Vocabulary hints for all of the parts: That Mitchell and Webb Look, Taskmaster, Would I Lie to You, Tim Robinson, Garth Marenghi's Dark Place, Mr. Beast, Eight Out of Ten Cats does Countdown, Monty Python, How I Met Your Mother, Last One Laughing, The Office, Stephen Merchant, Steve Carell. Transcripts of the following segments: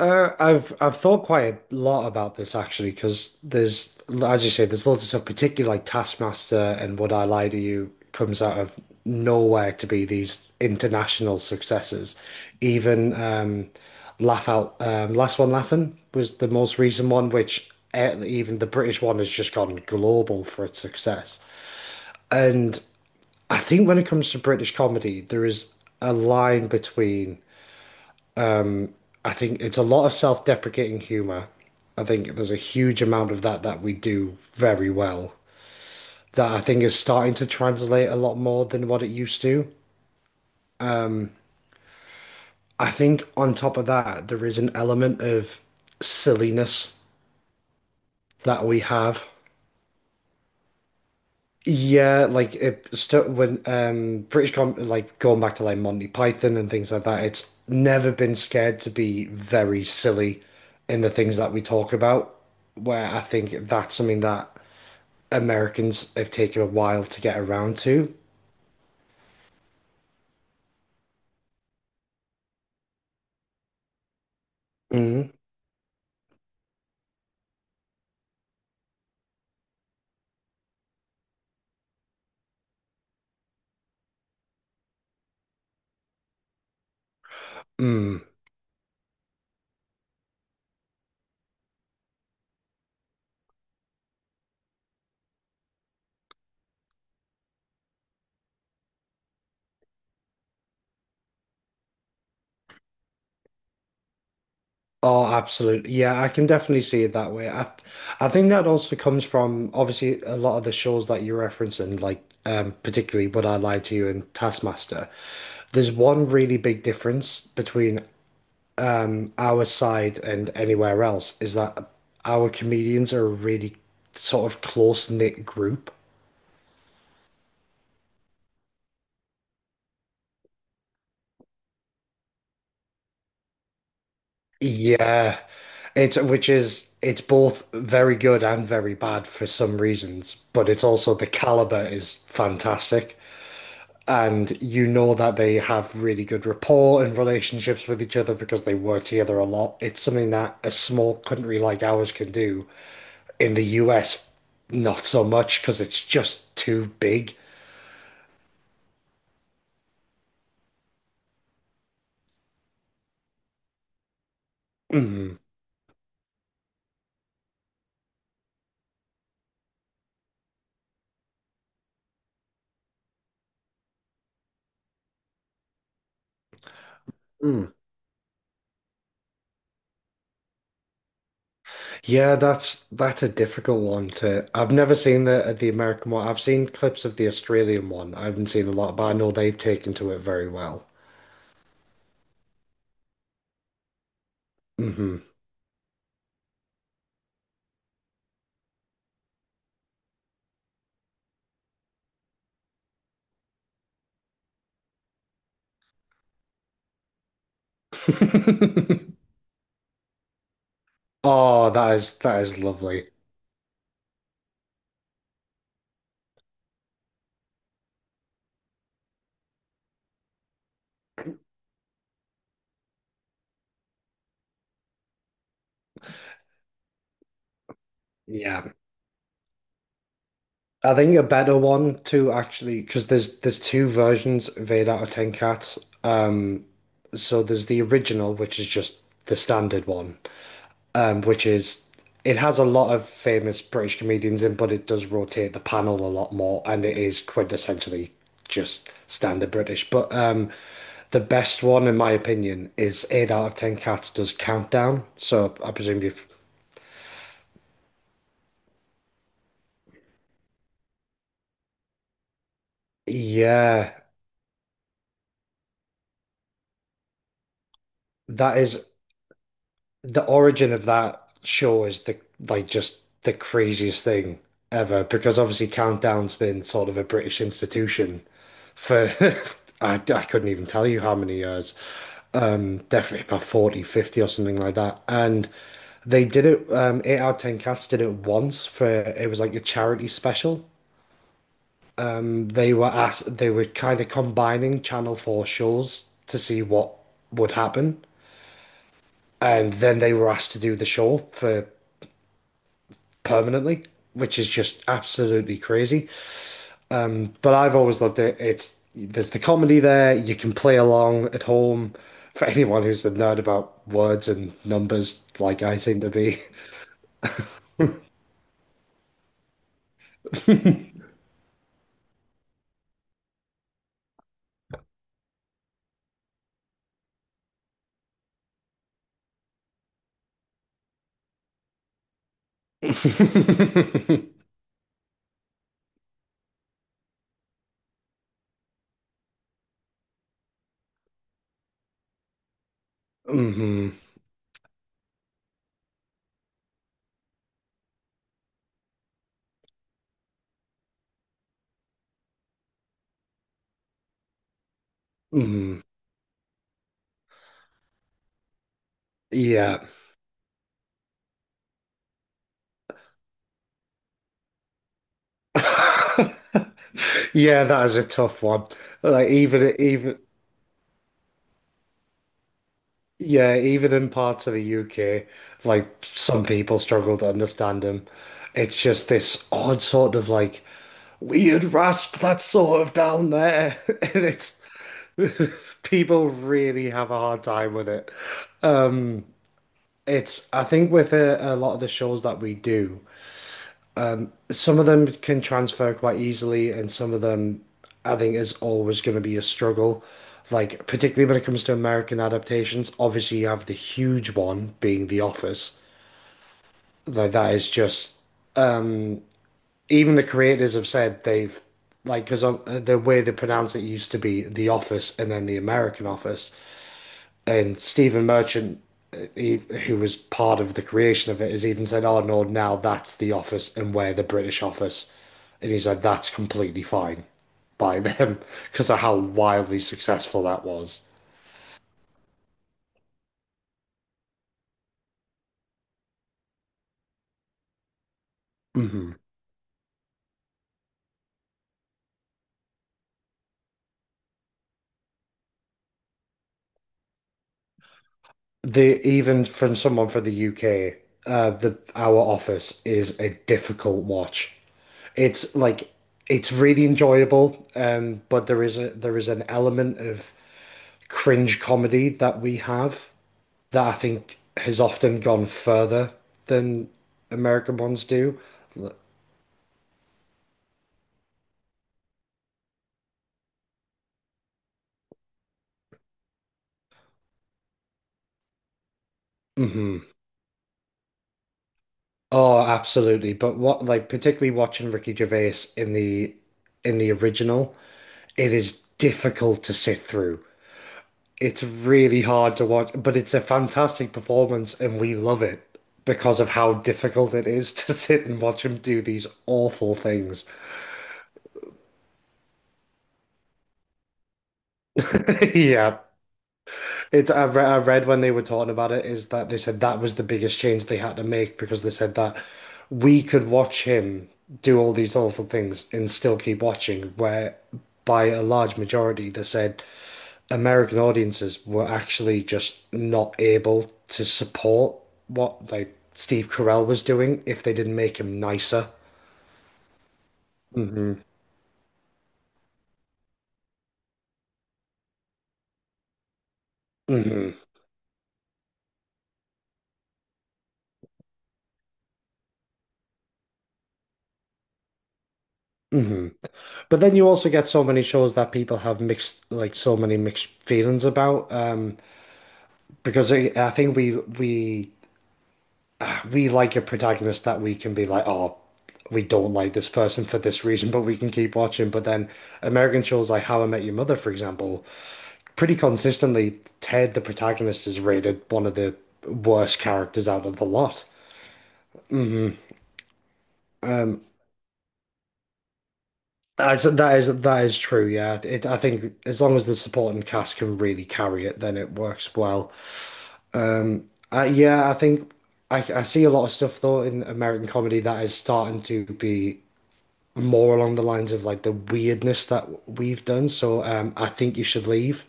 I've thought quite a lot about this actually, because as you say, there's loads of stuff, particularly like Taskmaster and Would I Lie to You comes out of nowhere to be these international successes. Even Last One Laughing was the most recent one, which even the British one has just gone global for its success. And I think when it comes to British comedy, there is a line between. I think it's a lot of self-deprecating humor. I think there's a huge amount of that that we do very well that I think is starting to translate a lot more than what it used to. I think on top of that, there is an element of silliness that we have. Yeah, like it st when British com like going back to like Monty Python and things like that, it's never been scared to be very silly in the things that we talk about, where I think that's something that Americans have taken a while to get around to. Mm, mm. Oh, absolutely. Yeah, I can definitely see it that way. I think that also comes from obviously a lot of the shows that you're referencing, like particularly Would I Lie to You and Taskmaster. There's one really big difference between our side and anywhere else is that our comedians are a really sort of close-knit group. Yeah, it's which is it's both very good and very bad for some reasons, but it's also the caliber is fantastic. And you know that they have really good rapport and relationships with each other because they work together a lot. It's something that a small country like ours can do. In the US, not so much because it's just too big. Mm. Yeah, that's a difficult one to. I've never seen the American one. I've seen clips of the Australian one. I haven't seen a lot, but I know they've taken to it very well. Hmm. Oh, that is lovely. Yeah. I think a better one to actually because there's two versions of 8 out of 10 cats. Um so there's the original, which is just the standard one, which is it has a lot of famous British comedians in, but it does rotate the panel a lot more, and it is quintessentially just standard British. But the best one, in my opinion, is Eight Out of Ten Cats does Countdown. So I presume you've, yeah, that is the origin of that show is the like just the craziest thing ever because obviously Countdown's been sort of a British institution for I couldn't even tell you how many years. Definitely about 40, 50, or something like that. And they did it, 8 out of 10 Cats did it once for, it was like a charity special. They were asked, they were kind of combining Channel 4 shows to see what would happen. And then they were asked to do the show for permanently, which is just absolutely crazy. But I've always loved it. It's, there's the comedy there. You can play along at home. For anyone who's a nerd about words and numbers, like I seem to be. hmm hmm Yeah. Yeah, that is a tough one. Like even even yeah, even in parts of the UK, like some people struggle to understand him. It's just this odd sort of like weird rasp that's sort of down there. And it's people really have a hard time with it. It's I think with a lot of the shows that we do. Some of them can transfer quite easily, and some of them I think is always going to be a struggle. Like, particularly when it comes to American adaptations, obviously you have the huge one being The Office. Like, that is just, even the creators have said they've, like, because the way they pronounce it used to be The Office and then The American Office. And Stephen Merchant, uh, he, who was part of the creation of it, has even said, "Oh no, now that's the office, and we're the British office," and he's like, "That's completely fine by them because of how wildly successful that was." Hmm. The even from someone from the UK, the our office is a difficult watch. It's like it's really enjoyable, but there is an element of cringe comedy that we have that I think has often gone further than American ones do. Hmm Oh, absolutely. But what, like, particularly watching Ricky Gervais in the original, it is difficult to sit through. It's really hard to watch, but it's a fantastic performance, and we love it because of how difficult it is to sit and watch him do these awful things. Yeah, It's I read when they were talking about it is that they said that was the biggest change they had to make because they said that we could watch him do all these awful things and still keep watching, where by a large majority they said American audiences were actually just not able to support what like Steve Carell was doing if they didn't make him nicer. Hmm hmm hmm But then you also get so many shows that people have mixed like so many mixed feelings about. Because I think we like a protagonist that we can be like, oh, we don't like this person for this reason, but we can keep watching. But then American shows like How I Met Your Mother, for example, pretty consistently, Ted, the protagonist, is rated one of the worst characters out of the lot. Um, that is true. Yeah, I think as long as the supporting cast can really carry it, then it works well. Um, yeah, I think I see a lot of stuff though in American comedy that is starting to be more along the lines of like the weirdness that we've done. So I think you should leave,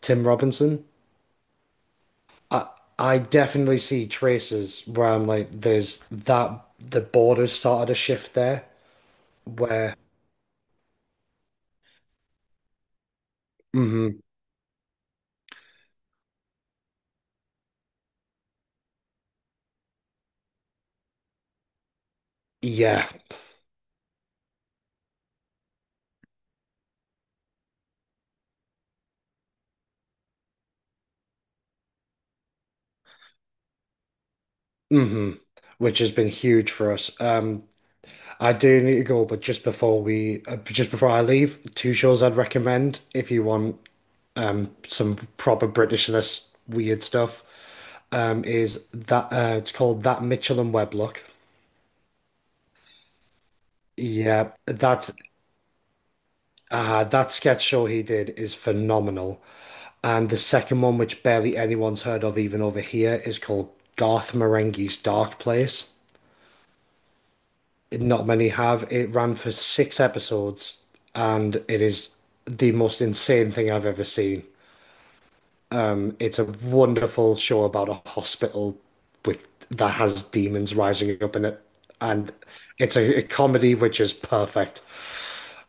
Tim Robinson. I definitely see traces where I'm like, there's that the borders started to shift there, where hmm yeah, hmm which has been huge for us. I do need to go, but just before just before I leave, two shows I'd recommend if you want some proper Britishness weird stuff. Is that it's called That Mitchell and Webb Look. Yeah, that sketch show he did is phenomenal. And the second one, which barely anyone's heard of even over here, is called Garth Marenghi's Dark Place. Not many have. It ran for 6 episodes, and it is the most insane thing I've ever seen. It's a wonderful show about a hospital with that has demons rising up in it. And it's a comedy which is perfect.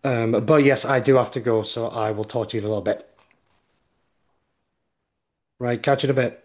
But yes, I do have to go, so I will talk to you in a little bit. Right. Catch you in a bit.